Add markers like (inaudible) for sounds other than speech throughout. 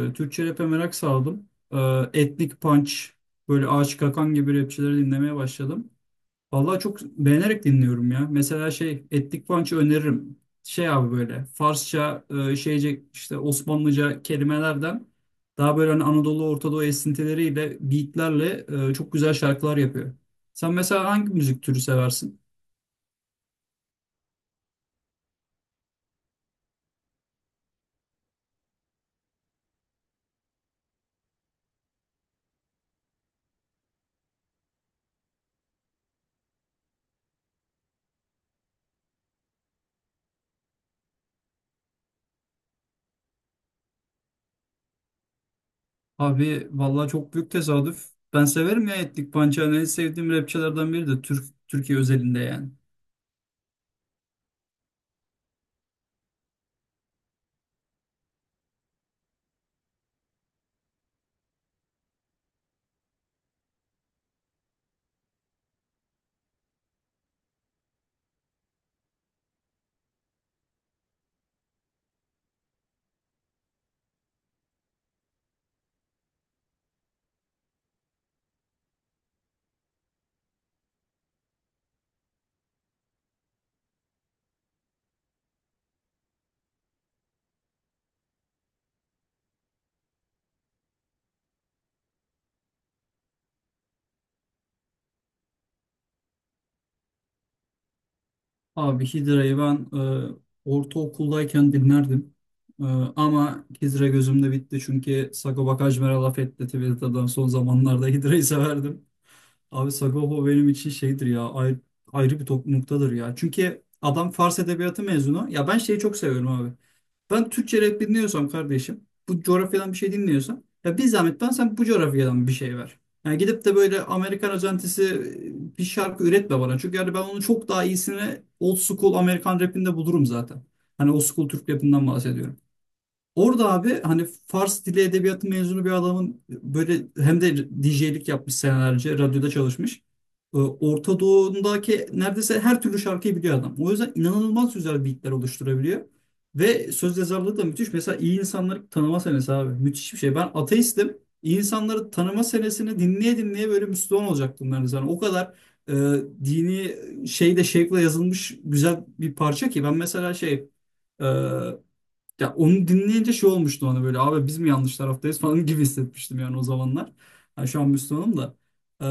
Böyle Türkçe rap'e merak saldım. Etnik Punch, böyle Ağaç Kakan gibi rapçileri dinlemeye başladım. Vallahi çok beğenerek dinliyorum ya. Mesela şey Etnik Punch'ı öneririm. Şey abi böyle Farsça, şeyce işte Osmanlıca kelimelerden daha böyle hani Anadolu Orta Doğu esintileriyle, beatlerle çok güzel şarkılar yapıyor. Sen mesela hangi müzik türü seversin? Abi vallahi çok büyük tesadüf. Ben severim ya Etnik Punch'ı. Hani en sevdiğim rapçilerden biri de Türkiye özelinde yani. Abi Hidra'yı ben e, ortaokuldayken dinlerdim. E, ama Hidra gözümde bitti çünkü Sagopa Kajmer'e laf etti Twitter'dan son zamanlarda Hidra'yı severdim. Abi Sagopa benim için şeydir ya ayrı bir top noktadır ya. Çünkü adam Fars Edebiyatı mezunu. Ya ben şeyi çok seviyorum abi. Ben Türkçe rap dinliyorsam kardeşim, bu coğrafyadan bir şey dinliyorsam, ya bir zahmet sen bu coğrafyadan bir şey ver. Yani gidip de böyle Amerikan özentisi bir şarkı üretme bana. Çünkü yani ben onun çok daha iyisini old school Amerikan rapinde bulurum zaten. Hani old school Türk rapinden bahsediyorum. Orada abi hani Fars dili edebiyatı mezunu bir adamın böyle hem de DJ'lik yapmış senelerce radyoda çalışmış. Orta Doğu'ndaki neredeyse her türlü şarkıyı biliyor adam. O yüzden inanılmaz güzel beatler oluşturabiliyor. Ve söz yazarlığı da müthiş. Mesela İyi İnsanları tanıma senesi abi. Müthiş bir şey. Ben ateistim. İyi insanları tanıma senesini dinleye dinleye böyle Müslüman olacaktım neredeyse. Yani o kadar e, dini şeyde şevkle yazılmış güzel bir parça ki. Ben mesela şey... e, ya onu dinleyince şey olmuştu ona böyle abi biz mi yanlış taraftayız (laughs) falan gibi hissetmiştim yani o zamanlar. Yani şu an Müslümanım da. Ee,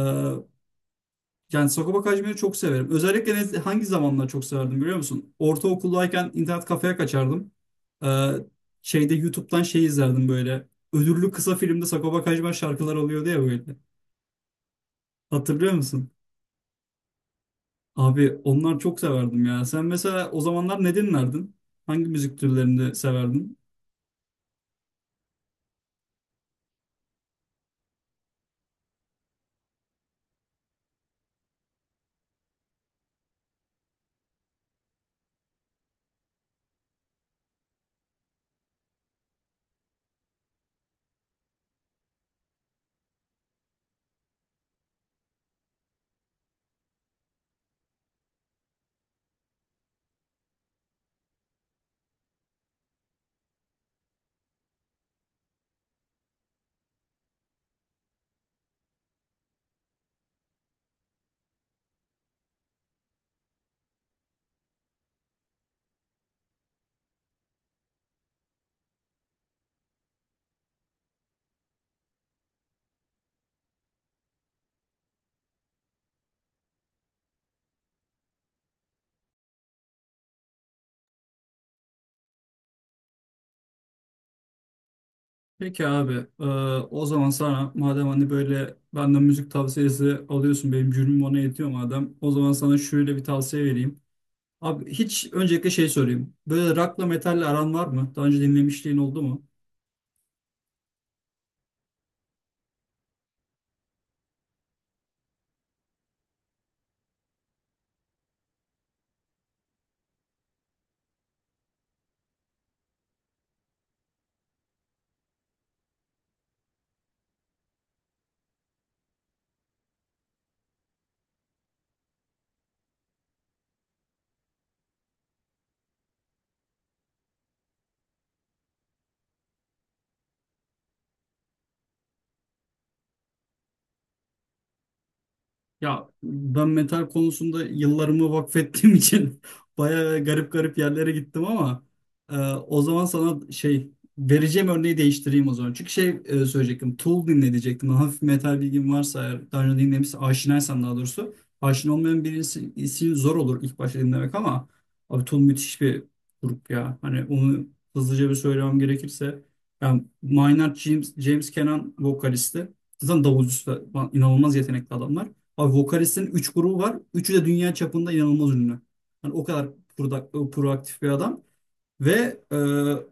yani Sagopa Kajmer'i çok severim. Özellikle hangi zamanlar çok severdim biliyor musun? Ortaokuldayken internet kafeye kaçardım. Ee, şeyde YouTube'dan şey izlerdim böyle. Ödüllü kısa filmde Sagopa Kajmer şarkılar oluyordu ya böyle. Hatırlıyor musun? Abi onlar çok severdim ya. Sen mesela o zamanlar ne dinlerdin? Hangi müzik türlerini severdin? Peki abi, e, o zaman sana madem hani böyle benden müzik tavsiyesi alıyorsun, benim gönlüm ona yetiyor madem, o zaman sana şöyle bir tavsiye vereyim. Abi hiç öncelikle şey sorayım. Böyle rock'la metalle aran var mı? Daha önce dinlemişliğin oldu mu? Ya ben metal konusunda yıllarımı vakfettiğim (laughs) için bayağı garip yerlere gittim ama o zaman sana şey vereceğim örneği değiştireyim o zaman. Çünkü şey söyleyecektim. Tool dinle. Hafif metal bilgin varsa eğer daha önce dinlemişse aşinaysan daha doğrusu. Aşina olmayan birisi için zor olur ilk başta dinlemek ama abi Tool müthiş bir grup ya. Hani onu hızlıca bir söylemem gerekirse. Yani Maynard James Kenan vokalisti. Zaten davulcusu da inanılmaz yetenekli adamlar. Abi vokalistin 3 grubu var. Üçü de dünya çapında inanılmaz ünlü. Yani o kadar proaktif bir adam. Ve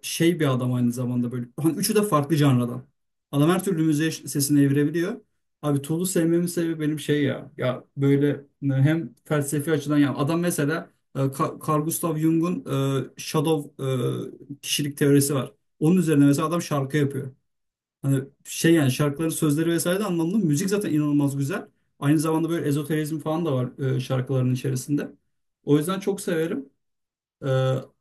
şey bir adam aynı zamanda böyle. Hani üçü de farklı janradan. Adam her türlü müziğe sesini evirebiliyor. Abi Tool'u sevmemin sebebi benim şey ya. Ya böyle hem felsefi açıdan ya. Adam mesela Carl Gustav Jung'un Shadow kişilik teorisi var. Onun üzerine mesela adam şarkı yapıyor. Hani şey yani şarkıları sözleri vesaire de anlamlı. Müzik zaten inanılmaz güzel. Aynı zamanda böyle ezoterizm falan da var şarkıların içerisinde. O yüzden çok severim. E,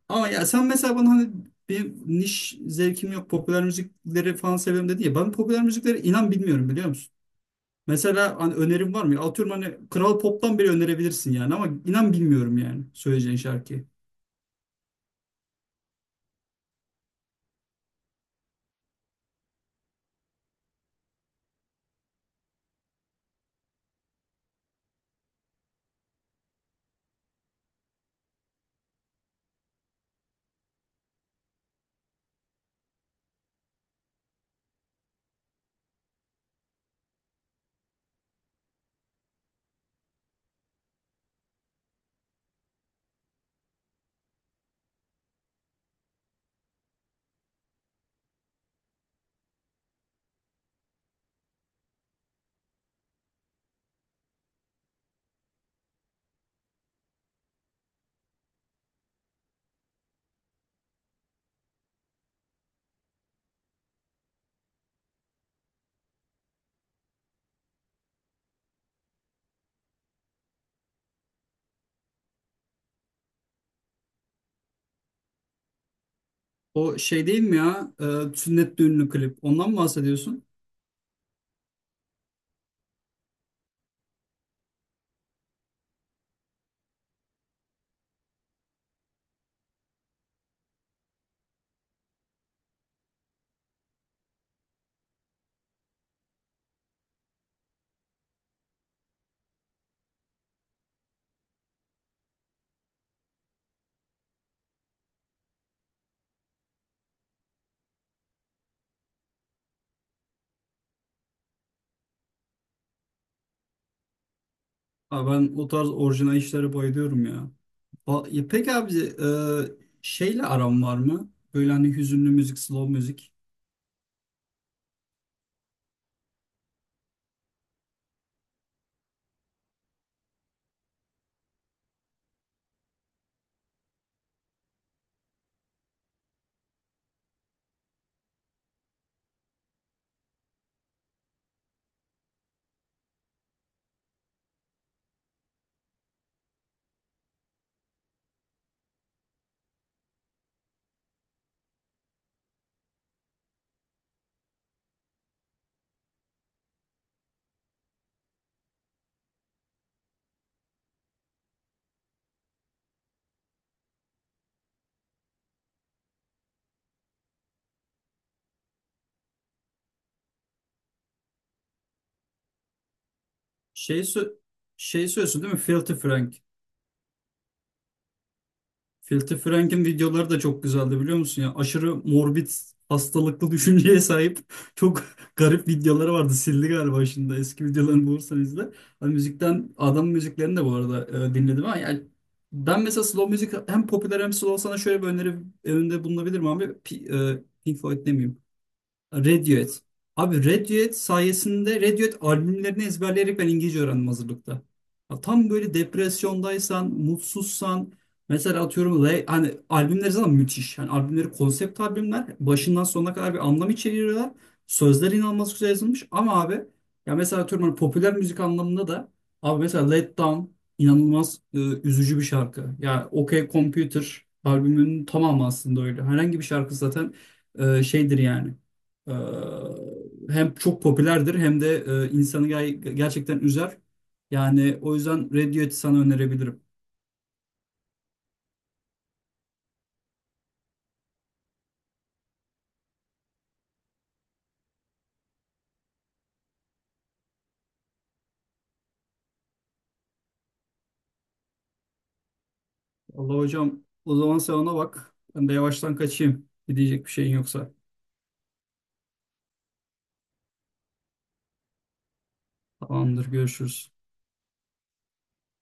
ama ya sen mesela bana hani bir niş zevkim yok. Popüler müzikleri falan severim dedi ya. Ben popüler müzikleri inan bilmiyorum biliyor musun? Mesela hani önerim var mı? Ya atıyorum hani Kral Pop'tan bile önerebilirsin yani ama inan bilmiyorum yani söyleyeceğin şarkıyı. O şey değil mi ya? E, sünnet düğünlü klip. Ondan mı bahsediyorsun? Abi ben o tarz orijinal işlere bayılıyorum ya. O, ya peki abi şeyle aram var mı? Böyle hani hüzünlü müzik, slow müzik. Şey, sö- şey söylüyorsun değil mi? Filthy Frank. Filthy Frank'in videoları da çok güzeldi biliyor musun? Ya aşırı morbid, hastalıklı (laughs) düşünceye sahip çok (laughs) garip videoları vardı. Sildi galiba şimdi. Eski videolarını bulursan izle. Hani müzikten, adam müziklerini de bu arada dinledim ama yani ben mesela slow müzik hem popüler hem slow sana şöyle bir öneri önünde bulunabilirim abi. Pink Floyd demeyeyim. Radiohead. Abi Radiohead sayesinde Radiohead albümlerini ezberleyerek ben İngilizce öğrendim hazırlıkta. Ya tam böyle depresyondaysan, mutsuzsan mesela atıyorum hani albümleri zaten müthiş. Yani albümleri konsept albümler başından sonuna kadar bir anlam içeriyorlar. Sözler inanılmaz güzel yazılmış ama abi ya mesela atıyorum hani popüler müzik anlamında da abi mesela Let Down inanılmaz üzücü bir şarkı. Yani OK Computer albümünün tamamı aslında öyle. Herhangi bir şarkı zaten şeydir yani. Ee, hem çok popülerdir hem de gerçekten üzer. Yani o yüzden Radiohead'i sana önerebilirim. Allah hocam o zaman sen ona bak. Ben de yavaştan kaçayım. Gidecek bir şeyin yoksa. Tamamdır görüşürüz.